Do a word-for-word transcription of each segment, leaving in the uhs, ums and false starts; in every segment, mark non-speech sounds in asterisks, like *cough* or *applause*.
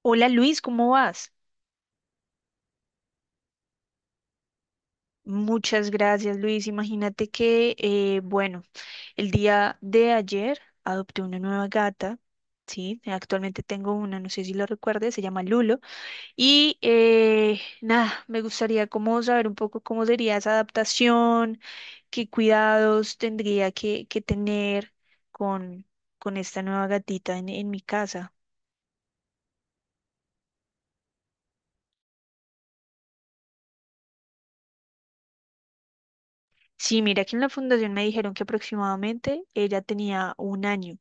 Hola Luis, ¿cómo vas? Muchas gracias, Luis. Imagínate que, eh, bueno, el día de ayer adopté una nueva gata, ¿sí? Actualmente tengo una, no sé si lo recuerdes, se llama Lulo. Y eh, nada, me gustaría como saber un poco cómo sería esa adaptación, qué cuidados tendría que, que tener con, con esta nueva gatita en, en mi casa. Sí, mira que en la fundación me dijeron que aproximadamente ella tenía un año,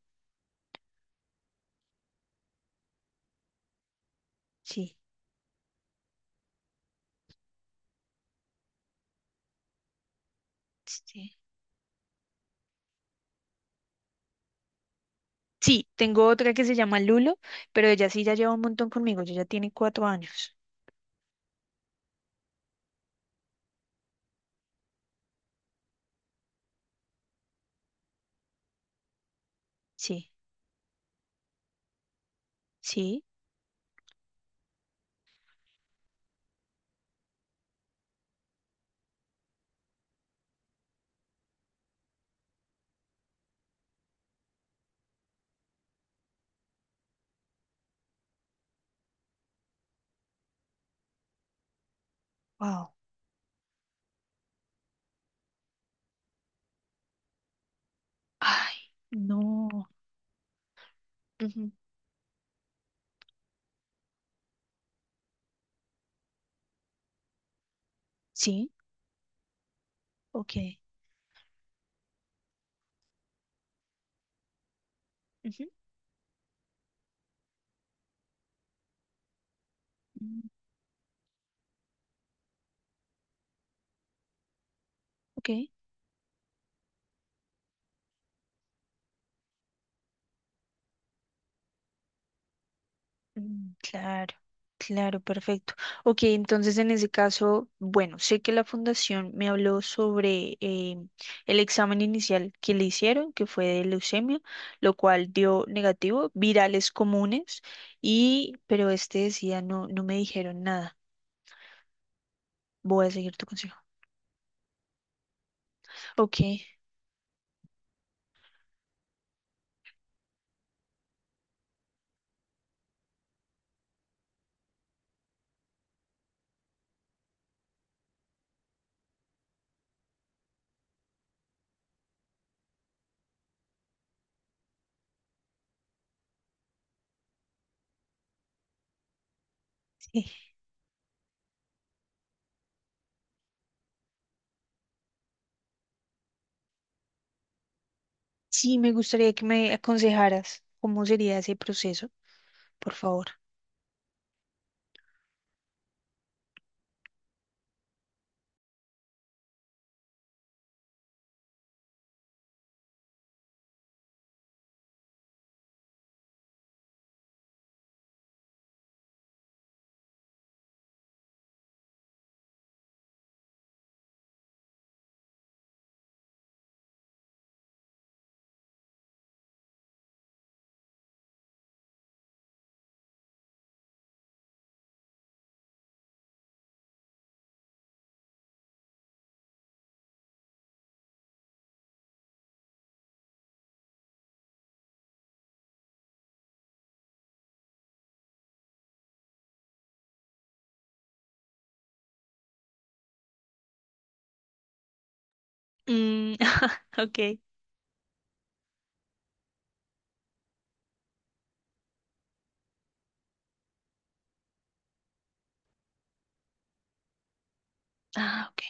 sí. Sí. Sí, tengo otra que se llama Lulo, pero ella sí ya lleva un montón conmigo, ella ya tiene cuatro años. Sí, sí, wow. Ay, no. Ujú, sí, ok. Ujú, mm, ok. Mm, claro, claro, perfecto. Ok, entonces en ese caso, bueno, sé que la fundación me habló sobre eh, el examen inicial que le hicieron, que fue de leucemia, lo cual dio negativo, virales comunes, y, pero este decía, no, no me dijeron nada. Voy a seguir tu consejo. Ok, sí. Sí, me gustaría que me aconsejaras cómo sería ese proceso, por favor. Mm, *laughs* ok. Ah, ok.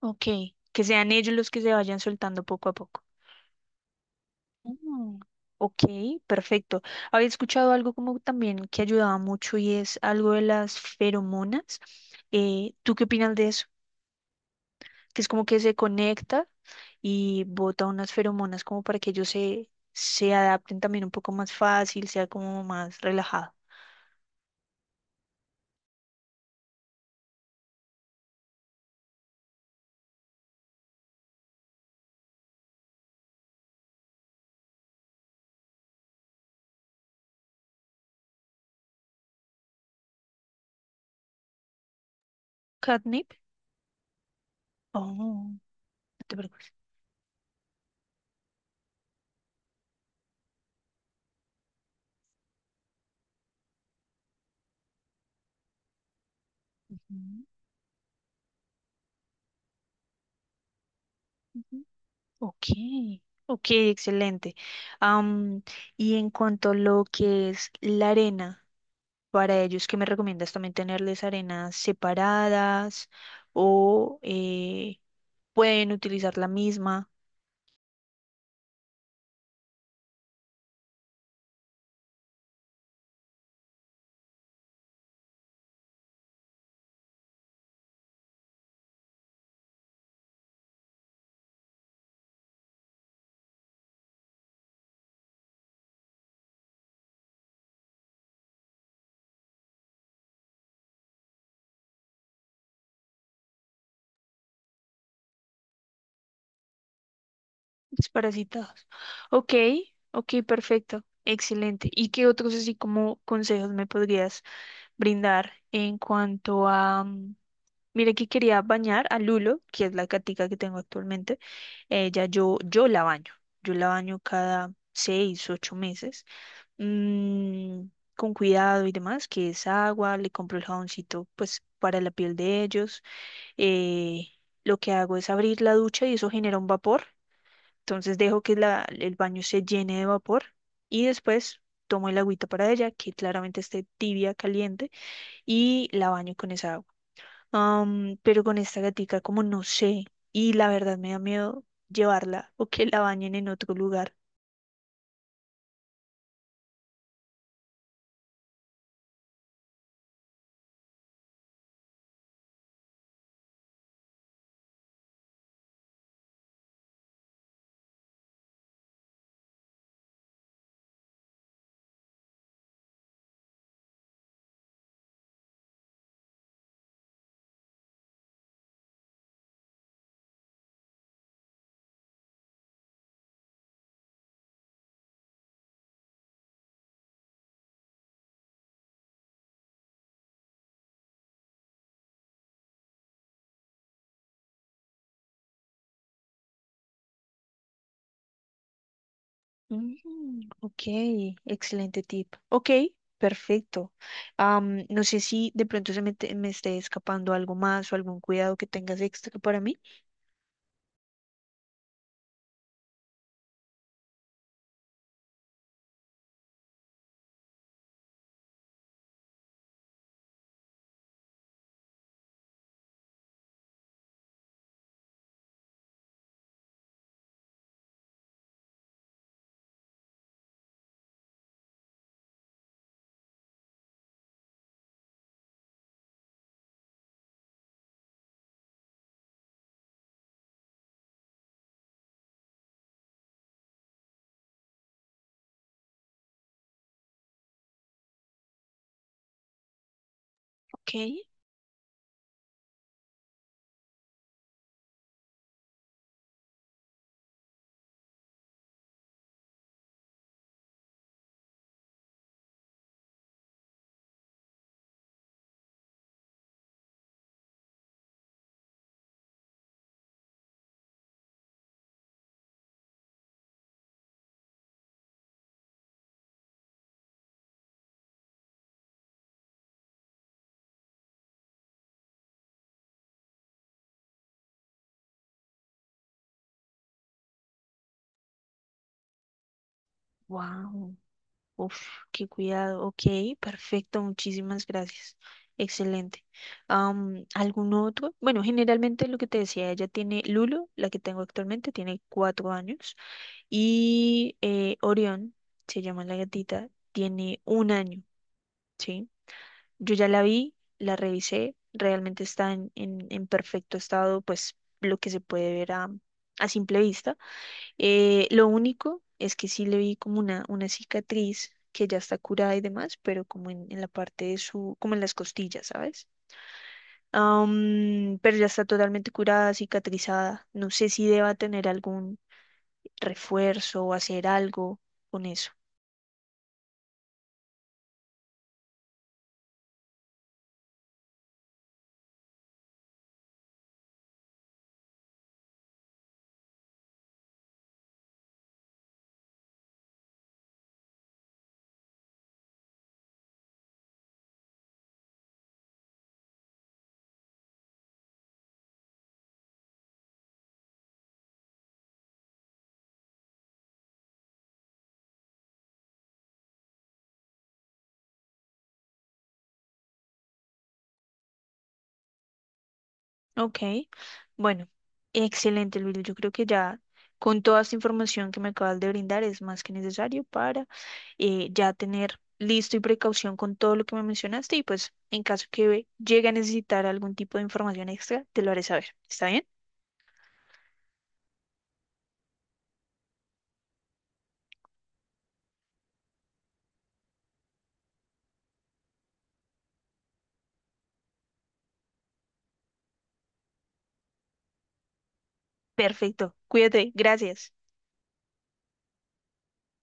Ok, que sean ellos los que se vayan soltando poco a poco. Mm, ok, perfecto. Había escuchado algo como también que ayudaba mucho y es algo de las feromonas. Eh, ¿tú qué opinas de eso? Que es como que se conecta y bota unas feromonas como para que ellos se, se adapten también un poco más fácil, sea como más relajado. ¿Catnip? Oh, no te preocupes. Ujú, ujú. Ok, ok, excelente. Am, y en cuanto a lo que es la arena, para ellos, ¿qué me recomiendas también tenerles arenas separadas o eh, pueden utilizar la misma desparasitados? Ok, ok, perfecto, excelente. ¿Y qué otros así como consejos me podrías brindar en cuanto a... mm, Mira que quería bañar a Lulo, que es la catica que tengo actualmente. Ella, yo, yo la baño. Yo la baño cada seis, ocho meses. Mm, con cuidado y demás, que es agua, le compro el jaboncito pues para la piel de ellos. Eh, lo que hago es abrir la ducha y eso genera un vapor, entonces dejo que la- el baño se llene de vapor y después tomo el agüita para ella, que claramente esté tibia, caliente, y la baño con esa agua. Am, pero con esta gatica, como no sé. Y la verdad me da miedo llevarla o que la bañen en otro lugar. Mm, ok, excelente tip. Ok, perfecto. Am, no sé si de pronto se me, te- me esté escapando algo más o algún cuidado que tengas extra para mí. Ok, wow. Uf, qué cuidado. Ok, perfecto, muchísimas gracias. Excelente. Am, ¿algún otro? Bueno, generalmente lo que te decía, ella tiene Lulu, la que tengo actualmente, tiene cuatro años, y eh, Orión, se llama la gatita, tiene un año, ¿sí? Yo ya la vi, la revisé, realmente está en, en, en perfecto estado, pues lo que se puede ver a, a simple vista. Eh, lo único es que sí le vi como una, una cicatriz que ya está curada y demás, pero como en, en la parte de su, como en las costillas, ¿sabes? Am, pero ya está totalmente curada, cicatrizada. No sé si deba tener algún refuerzo o hacer algo con eso. Ok, bueno, excelente, Luis. Yo creo que ya con toda esta información que me acabas de brindar es más que necesario para eh, ya tener listo y precaución con todo lo que me mencionaste y pues en caso que llegue a necesitar algún tipo de información extra, te lo haré saber. ¿Está bien? Perfecto. Cuídate. Gracias.